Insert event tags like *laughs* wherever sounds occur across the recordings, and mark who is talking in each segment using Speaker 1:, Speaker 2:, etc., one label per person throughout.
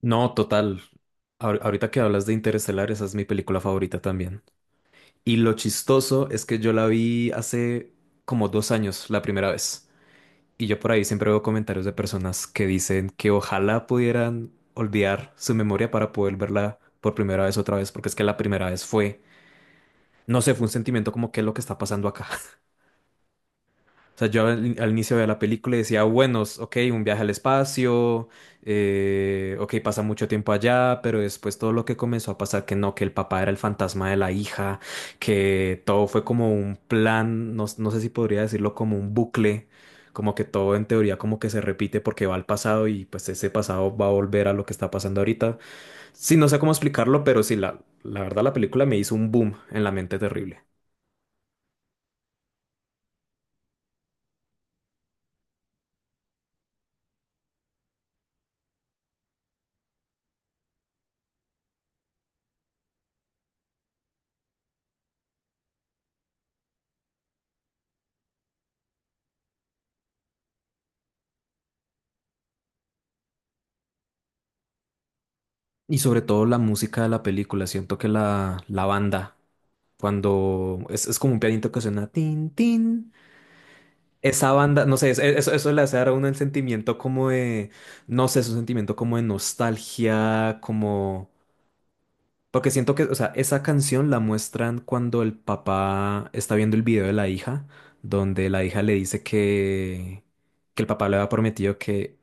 Speaker 1: No, total. Ahorita que hablas de Interestelar, esa es mi película favorita también. Y lo chistoso es que yo la vi hace como 2 años, la primera vez. Y yo por ahí siempre veo comentarios de personas que dicen que ojalá pudieran olvidar su memoria para poder verla por primera vez otra vez, porque es que la primera vez fue, no sé, fue un sentimiento como que es lo que está pasando acá. O sea, yo al inicio de la película decía, bueno, ok, un viaje al espacio, ok, pasa mucho tiempo allá, pero después todo lo que comenzó a pasar, que no, que el papá era el fantasma de la hija, que todo fue como un plan, no, no sé si podría decirlo como un bucle, como que todo en teoría como que se repite porque va al pasado y pues ese pasado va a volver a lo que está pasando ahorita. Sí, no sé cómo explicarlo, pero sí, la verdad la película me hizo un boom en la mente terrible. Y sobre todo la música de la película, siento que la banda, cuando es como un pianito que suena tin, tin, esa banda, no sé, eso le hace dar a uno el sentimiento como de, no sé, es un sentimiento como de nostalgia, como, porque siento que, o sea, esa canción la muestran cuando el papá está viendo el video de la hija, donde la hija le dice que el papá le había prometido que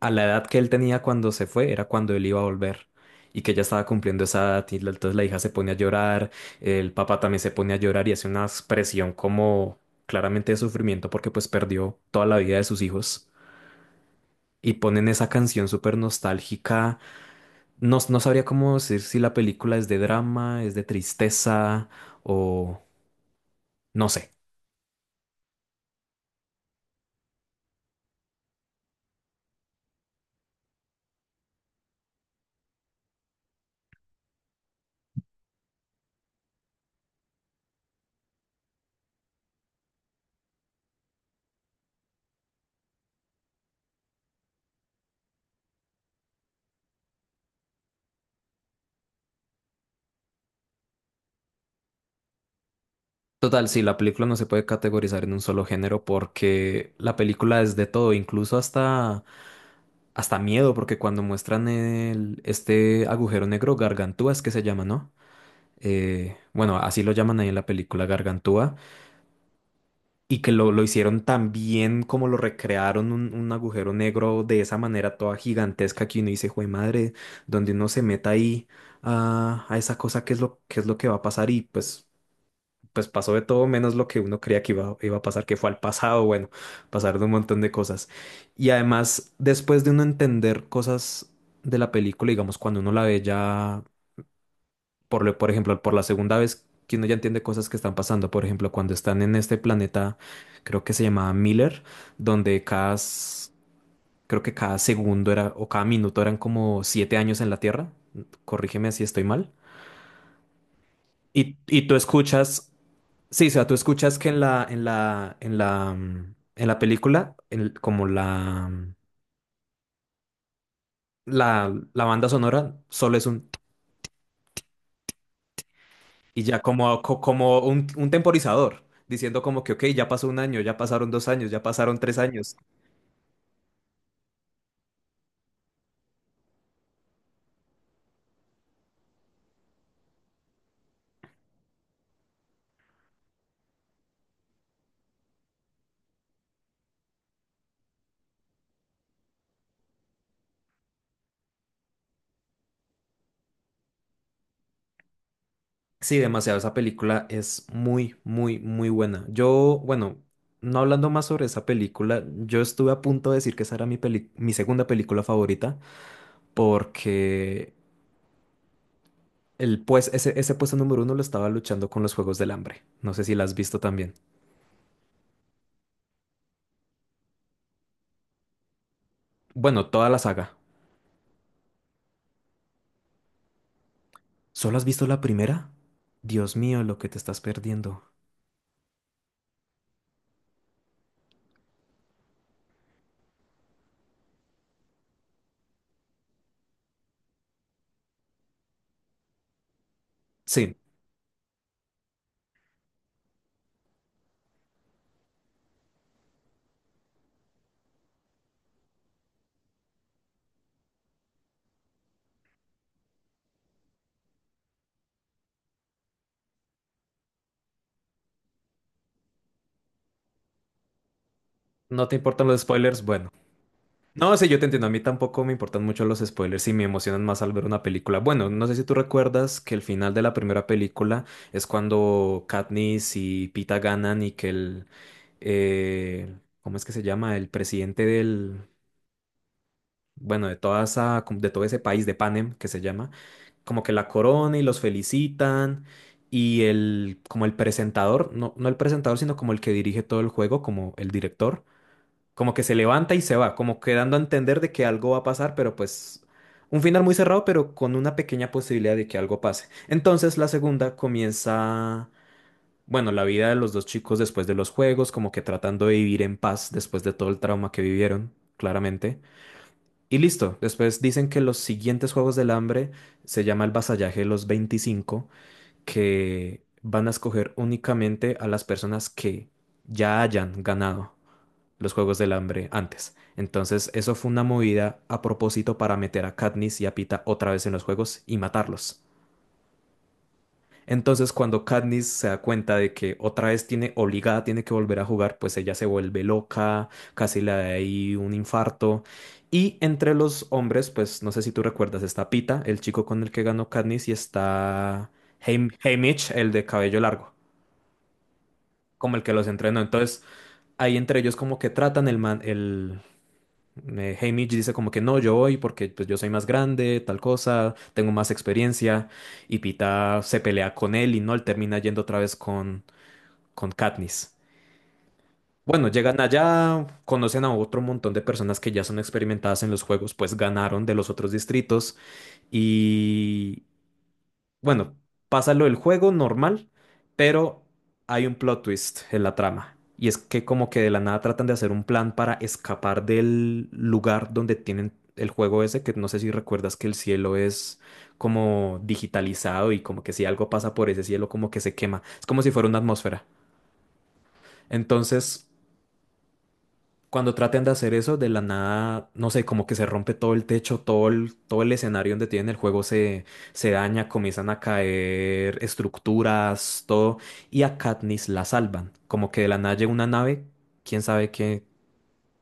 Speaker 1: a la edad que él tenía cuando se fue, era cuando él iba a volver. Y que ella estaba cumpliendo esa edad, y entonces la hija se pone a llorar, el papá también se pone a llorar y hace una expresión como claramente de sufrimiento porque pues perdió toda la vida de sus hijos. Y ponen esa canción súper nostálgica. No, no sabría cómo decir si la película es de drama, es de tristeza o no sé. Total, sí, la película no se puede categorizar en un solo género porque la película es de todo, incluso hasta miedo, porque cuando muestran este agujero negro, Gargantúa es que se llama, ¿no? Bueno, así lo llaman ahí en la película Gargantúa, y que lo hicieron tan bien como lo recrearon un agujero negro de esa manera toda gigantesca que uno dice, jue madre, donde uno se meta ahí a esa cosa, qué es lo que va a pasar, y pues pasó de todo menos lo que uno creía que iba a pasar, que fue al pasado, bueno, pasar de un montón de cosas. Y además, después de uno entender cosas de la película, digamos, cuando uno la ve ya, por ejemplo, por la segunda vez, que uno ya entiende cosas que están pasando, por ejemplo, cuando están en este planeta, creo que se llamaba Miller, donde creo que cada segundo era, o cada minuto eran como 7 años en la Tierra, corrígeme si estoy mal. Y tú escuchas. Sí, o sea, tú escuchas que en la película, la banda sonora solo es un, y ya como, como un temporizador, diciendo como que, ok, ya pasó un año, ya pasaron 2 años, ya pasaron 3 años. Sí, demasiado, esa película es muy, muy, muy buena. Yo, bueno, no hablando más sobre esa película, yo estuve a punto de decir que esa era mi segunda película favorita, porque El pues, ese puesto número uno lo estaba luchando con los Juegos del Hambre. No sé si la has visto también. Bueno, toda la saga. ¿Solo has visto la primera? Dios mío, lo que te estás perdiendo. Sí, no te importan los spoilers, bueno. No, sí, yo te entiendo. A mí tampoco me importan mucho los spoilers y me emocionan más al ver una película. Bueno, no sé si tú recuerdas que el final de la primera película es cuando Katniss y Pita ganan y que el, ¿cómo es que se llama? El presidente del, bueno, de toda esa, como de todo ese país de Panem que se llama, como que la corona y los felicitan y el, como el presentador, no, no el presentador, sino como el que dirige todo el juego, como el director, como que se levanta y se va, como que dando a entender de que algo va a pasar, pero pues un final muy cerrado, pero con una pequeña posibilidad de que algo pase. Entonces la segunda comienza. Bueno, la vida de los dos chicos después de los juegos, como que tratando de vivir en paz después de todo el trauma que vivieron, claramente. Y listo, después dicen que los siguientes Juegos del Hambre se llama el Vasallaje de los 25, que van a escoger únicamente a las personas que ya hayan ganado los Juegos del Hambre antes. Entonces, eso fue una movida a propósito para meter a Katniss y a Pita otra vez en los juegos y matarlos. Entonces, cuando Katniss se da cuenta de que otra vez tiene obligada, tiene que volver a jugar, pues ella se vuelve loca, casi le da ahí un infarto. Y entre los hombres, pues no sé si tú recuerdas, está Pita, el chico con el que ganó Katniss, y está Haymitch, Haymitch, el de cabello largo, como el que los entrenó. Entonces, ahí entre ellos como que tratan, el man, el Haymitch dice como que no, yo voy porque pues yo soy más grande, tal cosa, tengo más experiencia. Y Pita se pelea con él y no, él termina yendo otra vez con Katniss. Bueno, llegan allá, conocen a otro montón de personas que ya son experimentadas en los juegos, pues ganaron de los otros distritos y bueno, pasa lo del juego normal, pero hay un plot twist en la trama. Y es que como que de la nada tratan de hacer un plan para escapar del lugar donde tienen el juego ese, que no sé si recuerdas que el cielo es como digitalizado y como que si algo pasa por ese cielo como que se quema. Es como si fuera una atmósfera. Entonces, cuando traten de hacer eso, de la nada, no sé, como que se rompe todo el techo, todo el escenario donde tienen el juego se, se daña, comienzan a caer estructuras, todo, y a Katniss la salvan. Como que de la nada llega una nave, quién sabe qué,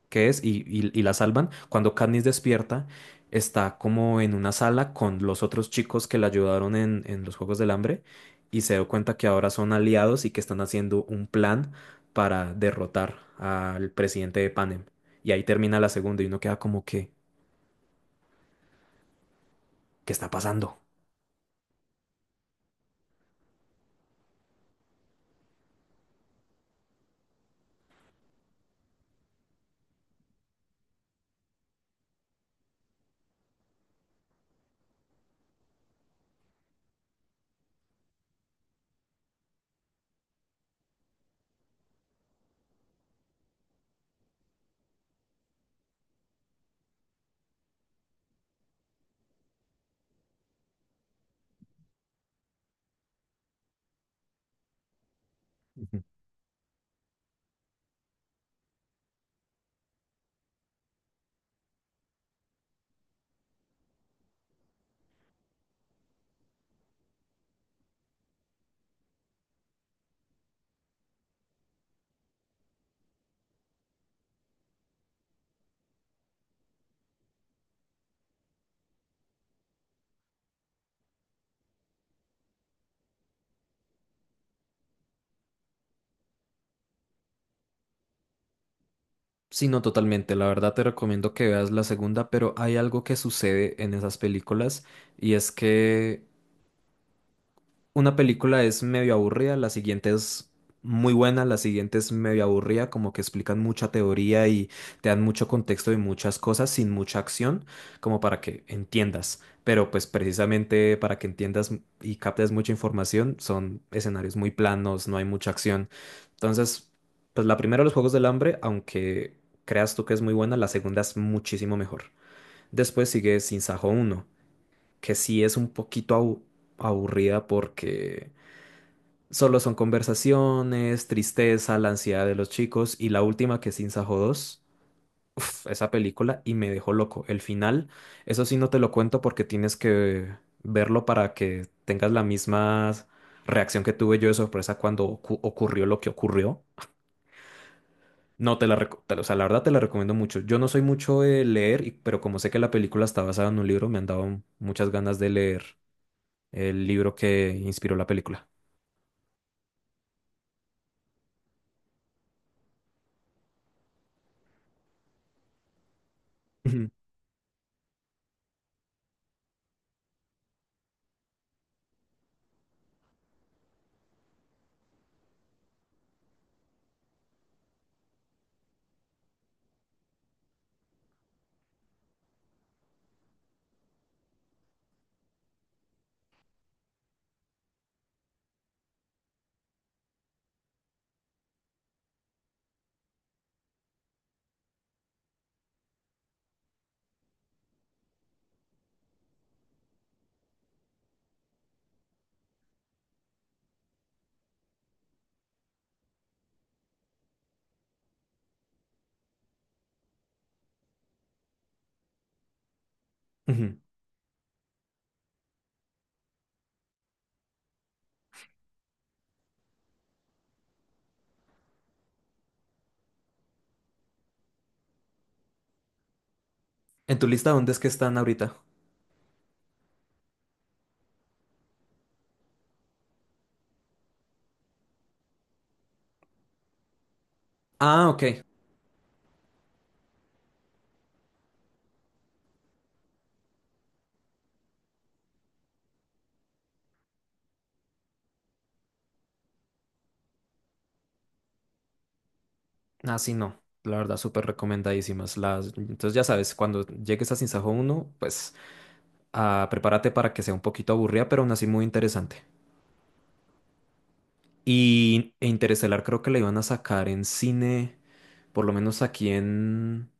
Speaker 1: que es, y la salvan. Cuando Katniss despierta, está como en una sala con los otros chicos que la ayudaron en los Juegos del Hambre, y se dio cuenta que ahora son aliados y que están haciendo un plan para derrotar al presidente de Panem. Y ahí termina la segunda y uno queda como que, ¿qué está pasando? Ujú. Sí, no, totalmente. La verdad te recomiendo que veas la segunda, pero hay algo que sucede en esas películas y es que una película es medio aburrida, la siguiente es muy buena, la siguiente es medio aburrida, como que explican mucha teoría y te dan mucho contexto y muchas cosas sin mucha acción, como para que entiendas. Pero pues precisamente para que entiendas y captes mucha información, son escenarios muy planos, no hay mucha acción. Entonces, pues la primera, Los Juegos del Hambre, aunque creas tú que es muy buena, la segunda es muchísimo mejor. Después sigue Sin Sajo 1, que sí es un poquito aburrida, porque solo son conversaciones, tristeza, la ansiedad de los chicos, y la última, que es Sinsajo 2. Uf, esa película y me dejó loco. El final, eso sí no te lo cuento porque tienes que verlo para que tengas la misma reacción que tuve yo de sorpresa cuando ocurrió lo que ocurrió. No, te la, reco- te la- o sea, la verdad te la recomiendo mucho. Yo no soy mucho de leer, pero como sé que la película está basada en un libro, me han dado muchas ganas de leer el libro que inspiró la película. *laughs* Ujú, ujú. ¿En tu lista dónde es que están ahorita? Ah, ok. Ah, sí, no. La verdad, súper recomendadísimas. Entonces, ya sabes, cuando llegues a Sinsajo 1, pues, prepárate para que sea un poquito aburrida, pero aún así muy interesante. Y Interestelar creo que la iban a sacar en cine, por lo menos aquí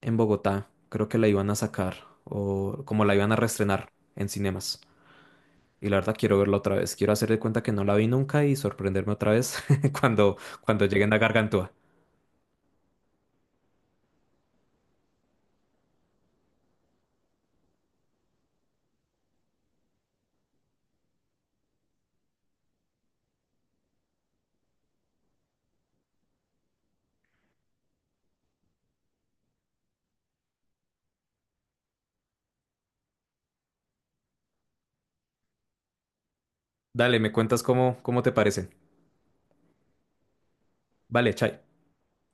Speaker 1: en Bogotá. Creo que la iban a sacar, o como la iban a reestrenar en cinemas. Y la verdad, quiero verla otra vez. Quiero hacer de cuenta que no la vi nunca y sorprenderme otra vez *laughs* cuando, lleguen a Gargantúa. Dale, me cuentas cómo, te parece. Vale, chai.